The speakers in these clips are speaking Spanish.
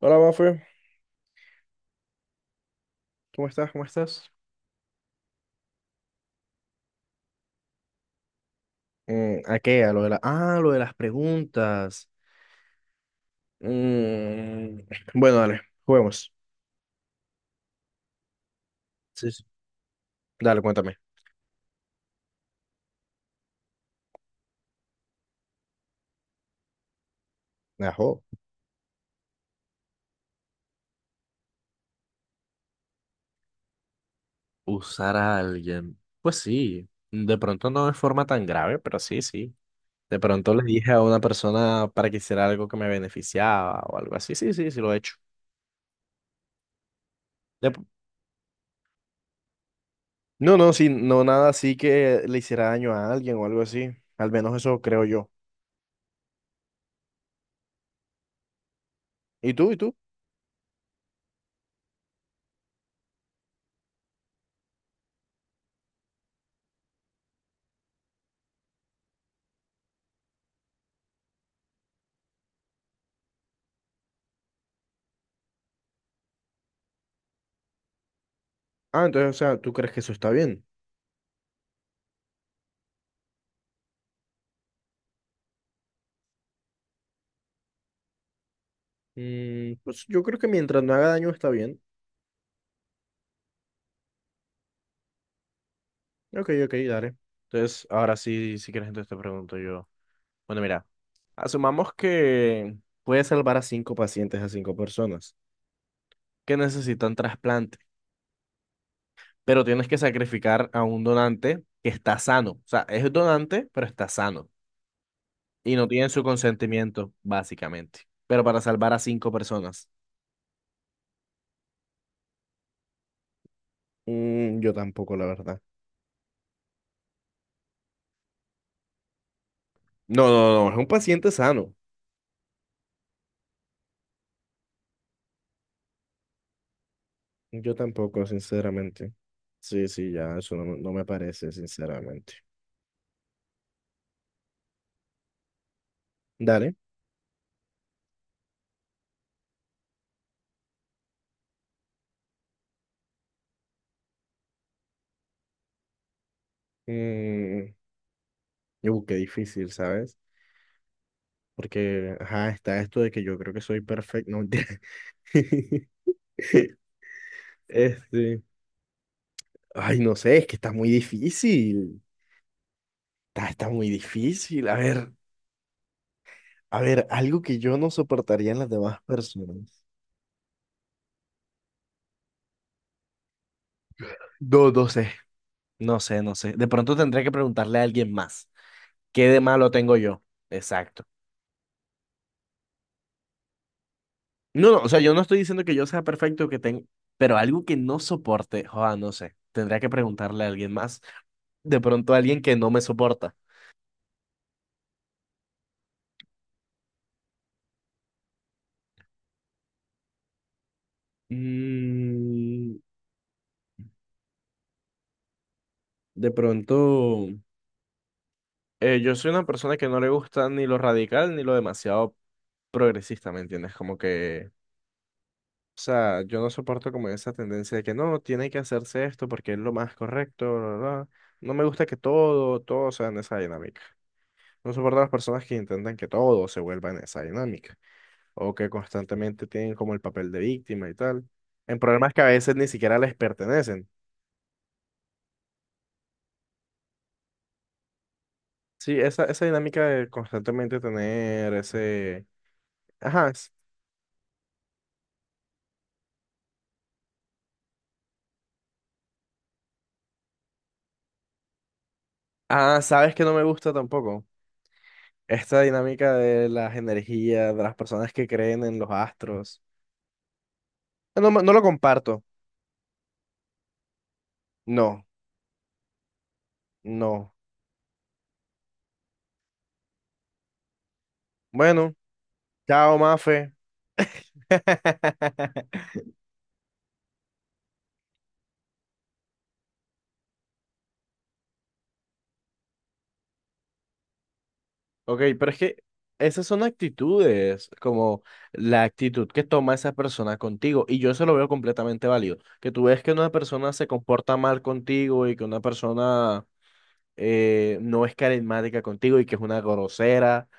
Hola, Mafe. ¿Cómo estás? ¿Cómo estás? ¿A qué? A lo de la... Ah, lo de las preguntas. Mm, Bueno, dale, juguemos. Sí, sí. Dale, cuéntame. Ajo. Usar a alguien. Pues sí, de pronto no de forma tan grave, pero sí, sí. De pronto le dije a una persona para que hiciera algo que me beneficiaba o algo así. Sí, sí, sí, lo he hecho. De- No, no, sí, no nada así que le hiciera daño a alguien o algo así. Al menos eso creo yo. ¿Y tú? ¿Y tú? Ah, entonces, o sea, ¿tú crees que eso está bien? Pues yo creo que mientras no haga daño está bien. Ok, ok, dale. Entonces, ahora sí, si quieres, entonces te pregunto yo. Bueno, mira, asumamos que puedes salvar a cinco pacientes, a cinco personas que necesitan trasplante, pero tienes que sacrificar a un donante que está sano. O sea, es donante, pero está sano y no tiene su consentimiento, básicamente. Pero para salvar a cinco personas. Yo tampoco, la verdad. No, no, no, es un paciente sano. Yo tampoco, sinceramente. Sí, sí, ya, eso no, no me parece, sinceramente. Dale. Mm, qué difícil, ¿sabes? Porque, ajá, está esto de que yo creo que soy perfecto. No, mentira. Este. Ay, no sé, es que está muy difícil. Está muy difícil. A ver, algo que yo no soportaría en las demás personas. No, no sé. No sé, no sé. De pronto tendré que preguntarle a alguien más. ¿Qué de malo tengo yo? Exacto. No, no, o sea, yo no estoy diciendo que yo sea perfecto, que tenga, pero algo que no soporte, joda, no sé, tendría que preguntarle a alguien más, de pronto a alguien que no me soporta. Mm, de pronto, yo soy una persona que no le gusta ni lo radical ni lo demasiado progresista, ¿me entiendes? Como que, o sea, yo no soporto como esa tendencia de que no, tiene que hacerse esto porque es lo más correcto, bla, bla, bla". No me gusta que todo sea en esa dinámica. No soporto a las personas que intentan que todo se vuelva en esa dinámica. O que constantemente tienen como el papel de víctima y tal, en problemas que a veces ni siquiera les pertenecen. Sí, esa dinámica de constantemente tener ese... Ajá, s- ah, sabes que no me gusta tampoco. Esta dinámica de las energías, de las personas que creen en los astros. No, me- no lo comparto. No, no. Bueno, chao, Mafe. Ok, pero es que esas son actitudes, como la actitud que toma esa persona contigo, y yo eso lo veo completamente válido, que tú ves que una persona se comporta mal contigo y que una persona no es carismática contigo y que es una grosera.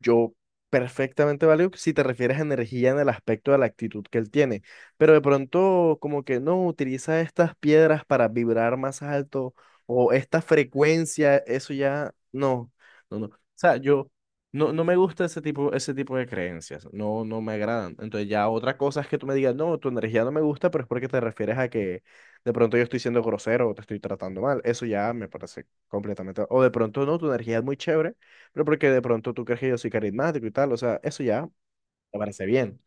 Yo perfectamente valeo que si te refieres a energía en el aspecto de la actitud que él tiene, pero de pronto como que no utiliza estas piedras para vibrar más alto o esta frecuencia, eso ya no, no, no. O sea, yo no, no me gusta ese tipo de creencias, no, no me agradan. Entonces ya otra cosa es que tú me digas, no, tu energía no me gusta, pero es porque te refieres a que de pronto yo estoy siendo grosero o te estoy tratando mal. Eso ya me parece completamente. O de pronto no, tu energía es muy chévere, pero porque de pronto tú crees que yo soy carismático y tal. O sea, eso ya te parece bien.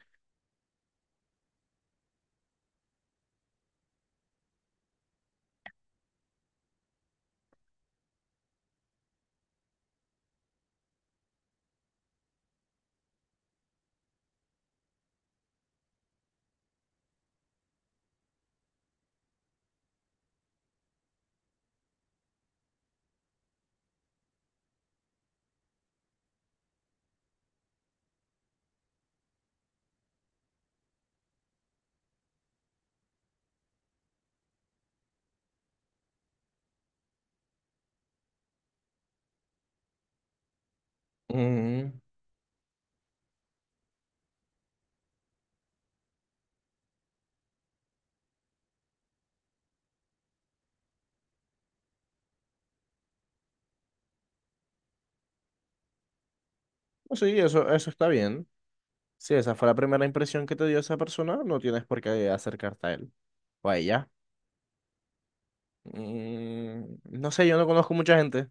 Mm, pues sí, eso está bien. Si esa fue la primera impresión que te dio esa persona, no tienes por qué acercarte a él o a ella. No sé, yo no conozco mucha gente.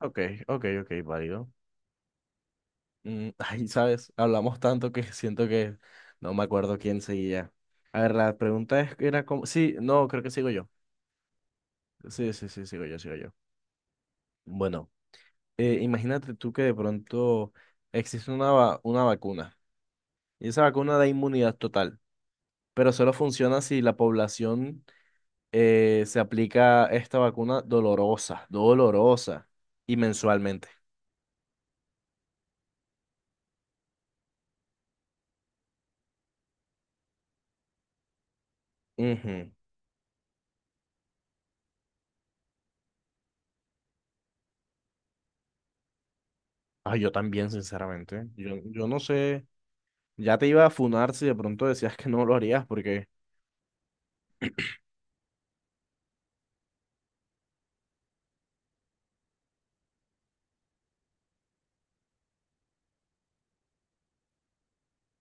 Ok, ok, ok, válido. Ay, sabes, hablamos tanto que siento que no me acuerdo quién seguía. A ver, la pregunta es, era como... Sí, no, creo que sigo yo. Sí, sí, sí, sigo yo, sigo yo. Bueno. Imagínate tú que de pronto existe una, va- una vacuna y esa vacuna da inmunidad total, pero solo funciona si la población se aplica esta vacuna dolorosa y mensualmente. Ujú. Ah, yo también, sinceramente. Yo no sé, ya te iba a funar si de pronto decías que no lo harías porque...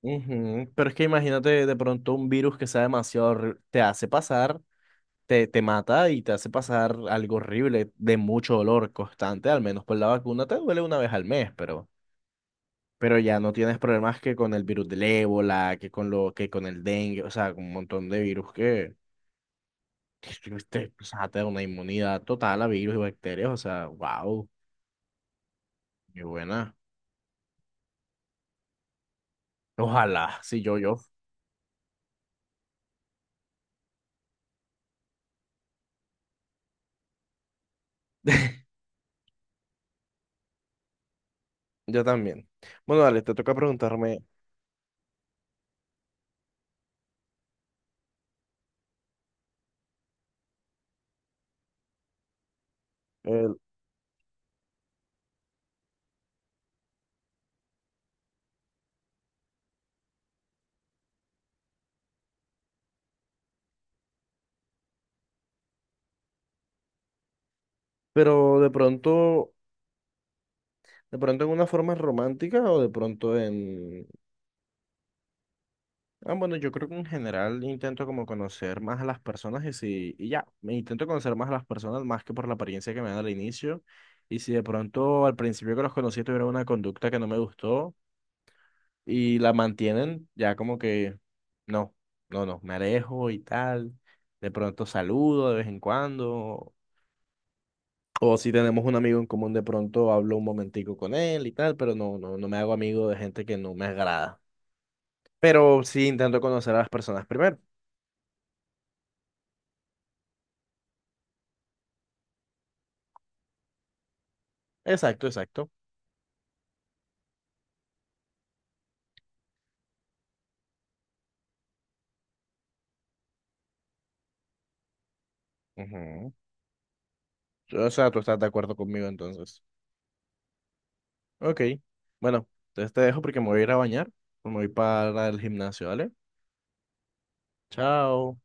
Ujú, pero es que imagínate de pronto un virus que sea demasiado horri- te hace pasar. Te mata y te hace pasar algo horrible de mucho dolor constante, al menos por la vacuna te duele una vez al mes, pero ya no tienes problemas que con el virus del ébola, que con lo, que con el dengue, o sea, con un montón de virus que te, o sea, te da una inmunidad total a virus y bacterias, o sea, wow, qué buena. Ojalá, sí, yo, yo. Yo también. Bueno, dale, te toca preguntarme, eh, pero de pronto en una forma romántica o de pronto en, Ah, bueno, yo creo que en general intento como conocer más a las personas y si, y ya, me intento conocer más a las personas más que por la apariencia que me dan al inicio. Y si de pronto al principio que los conocí tuvieron una conducta que no me gustó y la mantienen, ya como que no, no, no, me alejo y tal. De pronto saludo de vez en cuando. O si tenemos un amigo en común, de pronto hablo un momentico con él y tal, pero no, no, no me hago amigo de gente que no me agrada. Pero sí intento conocer a las personas primero. Exacto, exacto. Ujú. O sea, tú estás de acuerdo conmigo entonces. Ok. Bueno, entonces te dejo porque me voy a ir a bañar. Me voy para el gimnasio, ¿vale? Chao.